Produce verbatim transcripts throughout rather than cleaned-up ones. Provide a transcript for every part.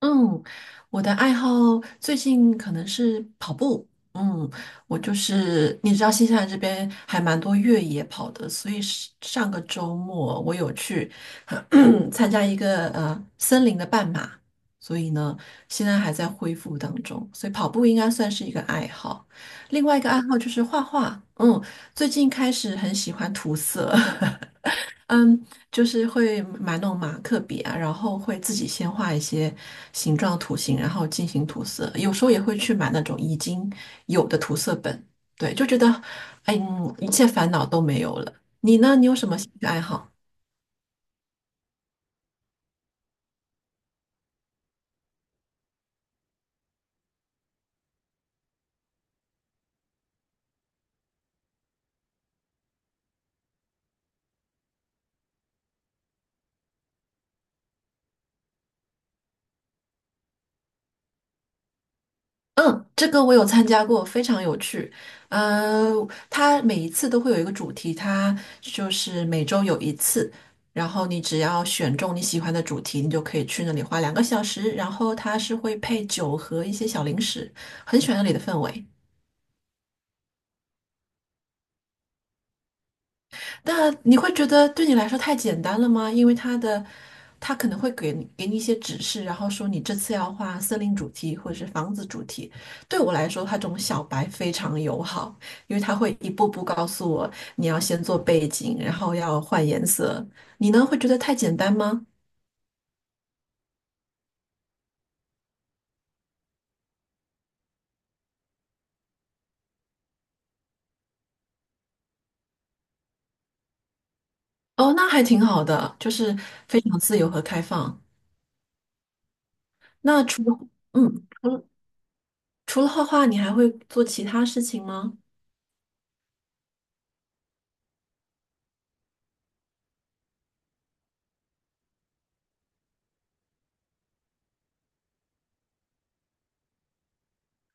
嗯，我的爱好最近可能是跑步。嗯，我就是你知道新西兰这边还蛮多越野跑的，所以是上个周末我有去 参加一个呃森林的半马，所以呢现在还在恢复当中，所以跑步应该算是一个爱好。另外一个爱好就是画画，嗯，最近开始很喜欢涂色。嗯，就是会买那种马克笔啊，然后会自己先画一些形状图形，然后进行涂色。有时候也会去买那种已经有的涂色本，对，就觉得，哎嗯，一切烦恼都没有了。你呢？你有什么兴趣爱好？嗯，这个我有参加过，非常有趣。呃，它每一次都会有一个主题，它就是每周有一次，然后你只要选中你喜欢的主题，你就可以去那里花两个小时，然后它是会配酒和一些小零食，很喜欢那里的氛围。那你会觉得对你来说太简单了吗？因为他的他可能会给你给你一些指示，然后说你这次要画森林主题或者是房子主题。对我来说，他这种小白非常友好，因为他会一步步告诉我你要先做背景，然后要换颜色。你呢，会觉得太简单吗？哦，那还挺好的，就是非常自由和开放。那除了嗯，除了除了画画，你还会做其他事情吗？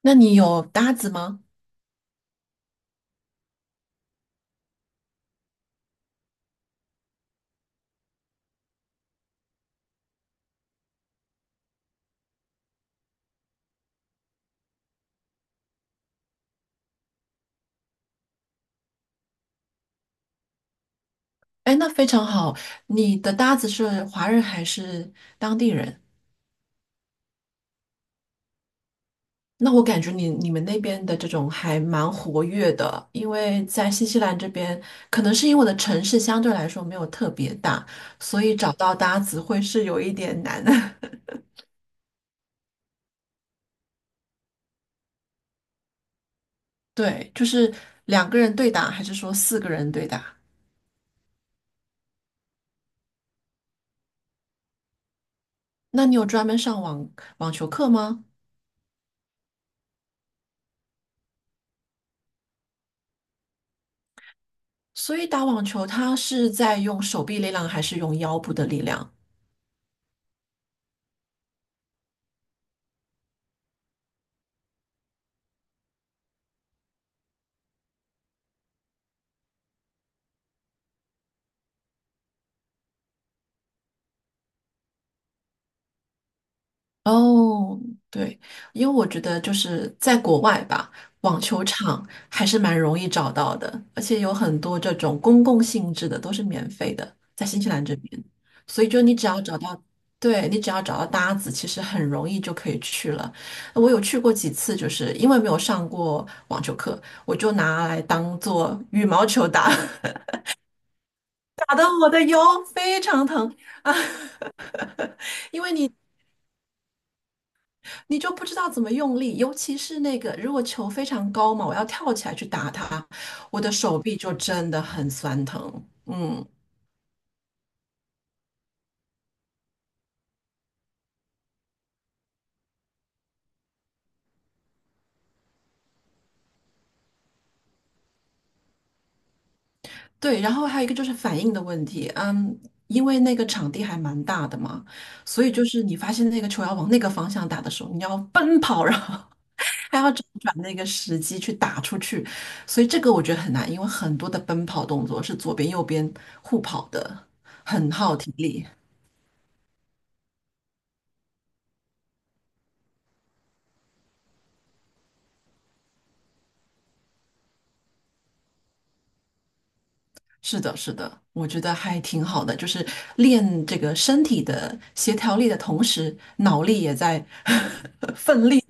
那你有搭子吗？哎，那非常好。你的搭子是华人还是当地人？那我感觉你你们那边的这种还蛮活跃的，因为在新西兰这边，可能是因为我的城市相对来说没有特别大，所以找到搭子会是有一点难。对，就是两个人对打，还是说四个人对打？那你有专门上网网球课吗？所以打网球，它是在用手臂力量还是用腰部的力量？哦，对，因为我觉得就是在国外吧，网球场还是蛮容易找到的，而且有很多这种公共性质的都是免费的，在新西兰这边，所以就你只要找到，对，你只要找到搭子，其实很容易就可以去了。我有去过几次，就是因为没有上过网球课，我就拿来当做羽毛球打，打得我的腰非常疼。啊，因为你。你就不知道怎么用力，尤其是那个如果球非常高嘛，我要跳起来去打它，我的手臂就真的很酸疼。嗯，对，然后还有一个就是反应的问题，嗯，因为那个场地还蛮大的嘛，所以就是你发现那个球要往那个方向打的时候，你要奔跑，然后还要找准那个时机去打出去，所以这个我觉得很难，因为很多的奔跑动作是左边右边互跑的，很耗体力。是的，是的，我觉得还挺好的，就是练这个身体的协调力的同时，脑力也在 奋力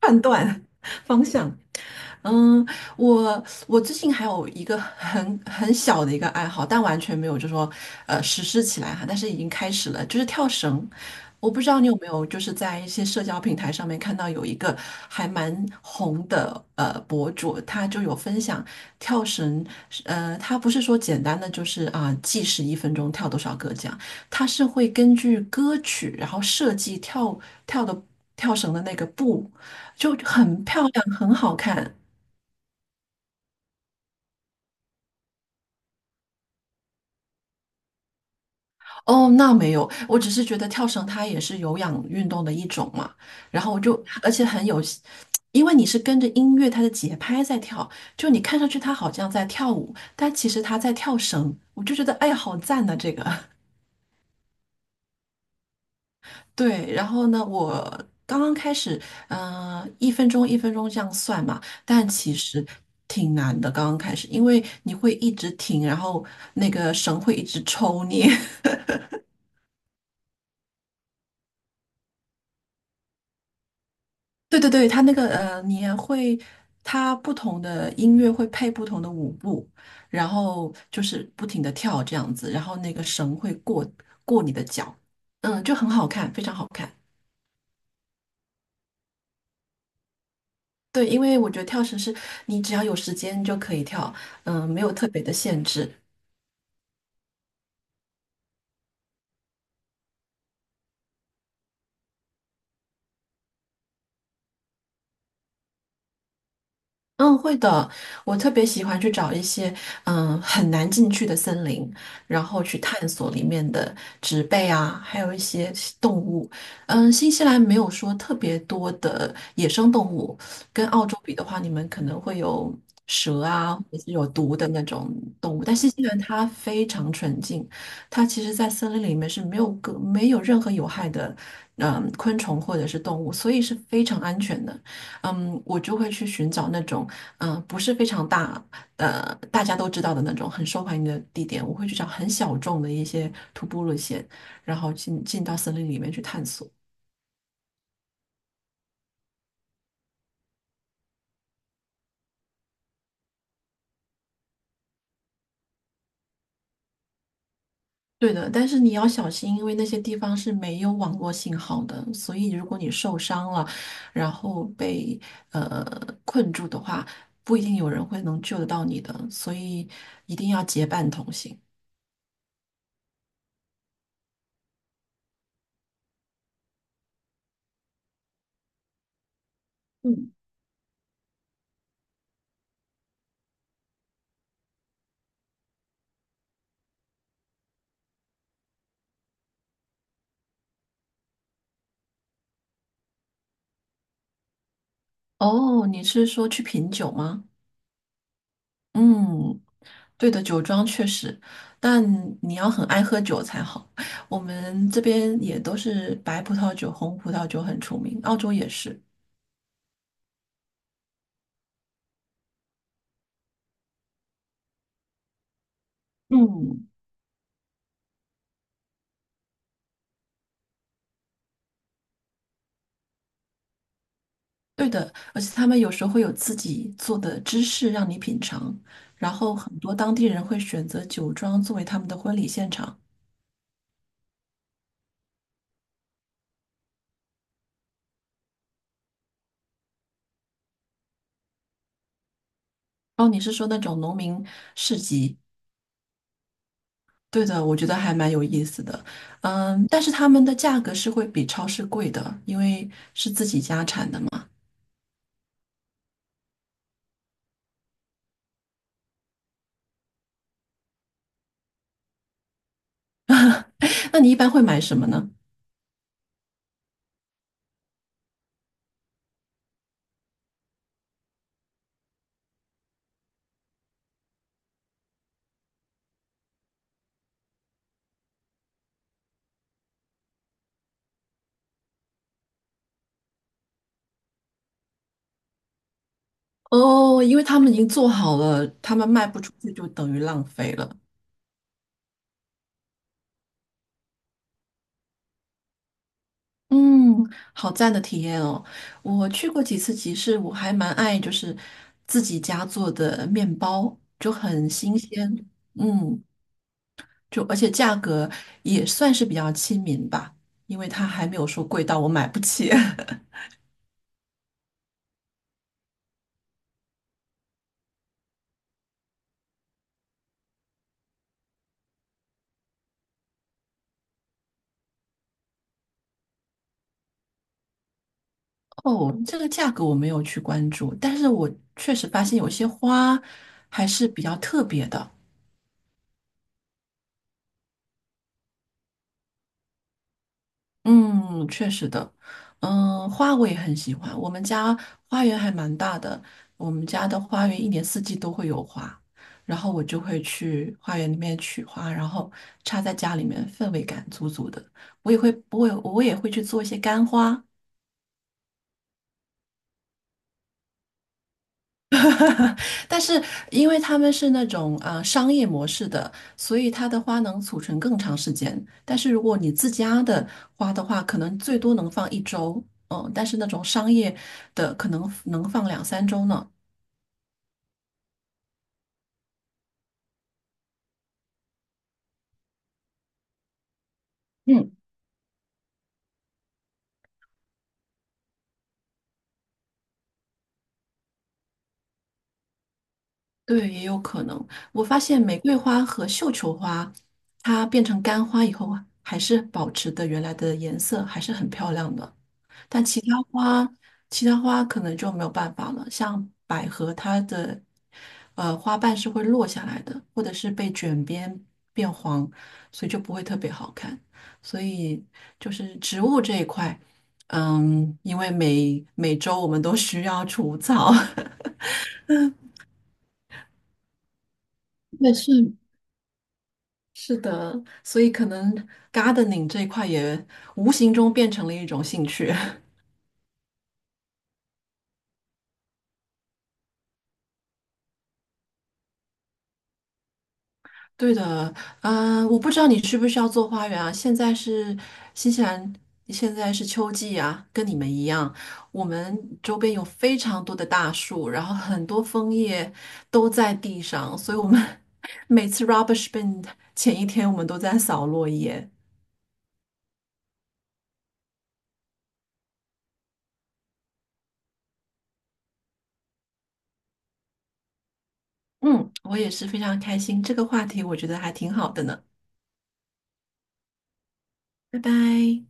判断方向。嗯，我我最近还有一个很很小的一个爱好，但完全没有就说呃实施起来哈，但是已经开始了，就是跳绳。我不知道你有没有就是在一些社交平台上面看到有一个还蛮红的呃博主，他就有分享跳绳，呃，他不是说简单的就是啊、计时一分钟跳多少个这样，他是会根据歌曲然后设计跳跳的跳绳的那个步，就很漂亮，很好看。哦，那没有，我只是觉得跳绳它也是有氧运动的一种嘛，然后我就，而且很有，因为你是跟着音乐它的节拍在跳，就你看上去它好像在跳舞，但其实它在跳绳，我就觉得哎呀，好赞呐、这个。对，然后呢，我刚刚开始，嗯、一分钟一分钟这样算嘛，但其实挺难的，刚刚开始，因为你会一直停，然后那个绳会一直抽你。对对对，他那个呃，你也会，他不同的音乐会配不同的舞步，然后就是不停的跳这样子，然后那个绳会过过你的脚，嗯，就很好看，非常好看。对，因为我觉得跳绳是你只要有时间就可以跳，嗯，没有特别的限制。嗯，会的。我特别喜欢去找一些嗯很难进去的森林，然后去探索里面的植被啊，还有一些动物。嗯，新西兰没有说特别多的野生动物，跟澳洲比的话，你们可能会有蛇啊，或者是有毒的那种动物。但新西兰它非常纯净，它其实在森林里面是没有个没有任何有害的嗯昆虫或者是动物，所以是非常安全的。嗯，我就会去寻找那种。嗯、呃不是非常大，呃，大家都知道的那种很受欢迎的地点，我会去找很小众的一些徒步路线，然后进进到森林里面去探索。对的，但是你要小心，因为那些地方是没有网络信号的，所以如果你受伤了，然后被呃困住的话，不一定有人会能救得到你的，所以一定要结伴同行。嗯，哦，你是说去品酒吗？嗯，对的，酒庄确实，但你要很爱喝酒才好。我们这边也都是白葡萄酒、红葡萄酒很出名，澳洲也是。嗯，对的，而且他们有时候会有自己做的芝士让你品尝，然后很多当地人会选择酒庄作为他们的婚礼现场。哦，你是说那种农民市集？对的，我觉得还蛮有意思的。嗯，但是他们的价格是会比超市贵的，因为是自己家产的嘛。那你一般会买什么呢？哦，因为他们已经做好了，他们卖不出去就等于浪费了。嗯，好赞的体验哦！我去过几次集市，我还蛮爱就是自己家做的面包，就很新鲜。嗯，就而且价格也算是比较亲民吧，因为它还没有说贵到我买不起。哦，这个价格我没有去关注，但是我确实发现有些花还是比较特别的。嗯，确实的，嗯，花我也很喜欢。我们家花园还蛮大的，我们家的花园一年四季都会有花，然后我就会去花园里面取花，然后插在家里面，氛围感足足的。我也会，我也我也会去做一些干花，但是因为他们是那种呃商业模式的，所以它的花能储存更长时间。但是如果你自家的花的话，可能最多能放一周，嗯，但是那种商业的可能能放两三周呢。嗯，对，也有可能。我发现玫瑰花和绣球花，它变成干花以后啊，还是保持的原来的颜色，还是很漂亮的。但其他花，其他花可能就没有办法了。像百合，它的呃花瓣是会落下来的，或者是被卷边变黄，所以就不会特别好看。所以就是植物这一块，嗯，因为每每周我们都需要除草，对，是是的，所以可能 gardening 这一块也无形中变成了一种兴趣。对的，嗯，我不知道你需不需要做花园啊。现在是新西兰，现在是秋季啊，跟你们一样，我们周边有非常多的大树，然后很多枫叶都在地上，所以我们 每次 rubbish bin 前一天，我们都在扫落叶。嗯，我也是非常开心，这个话题我觉得还挺好的呢。拜拜。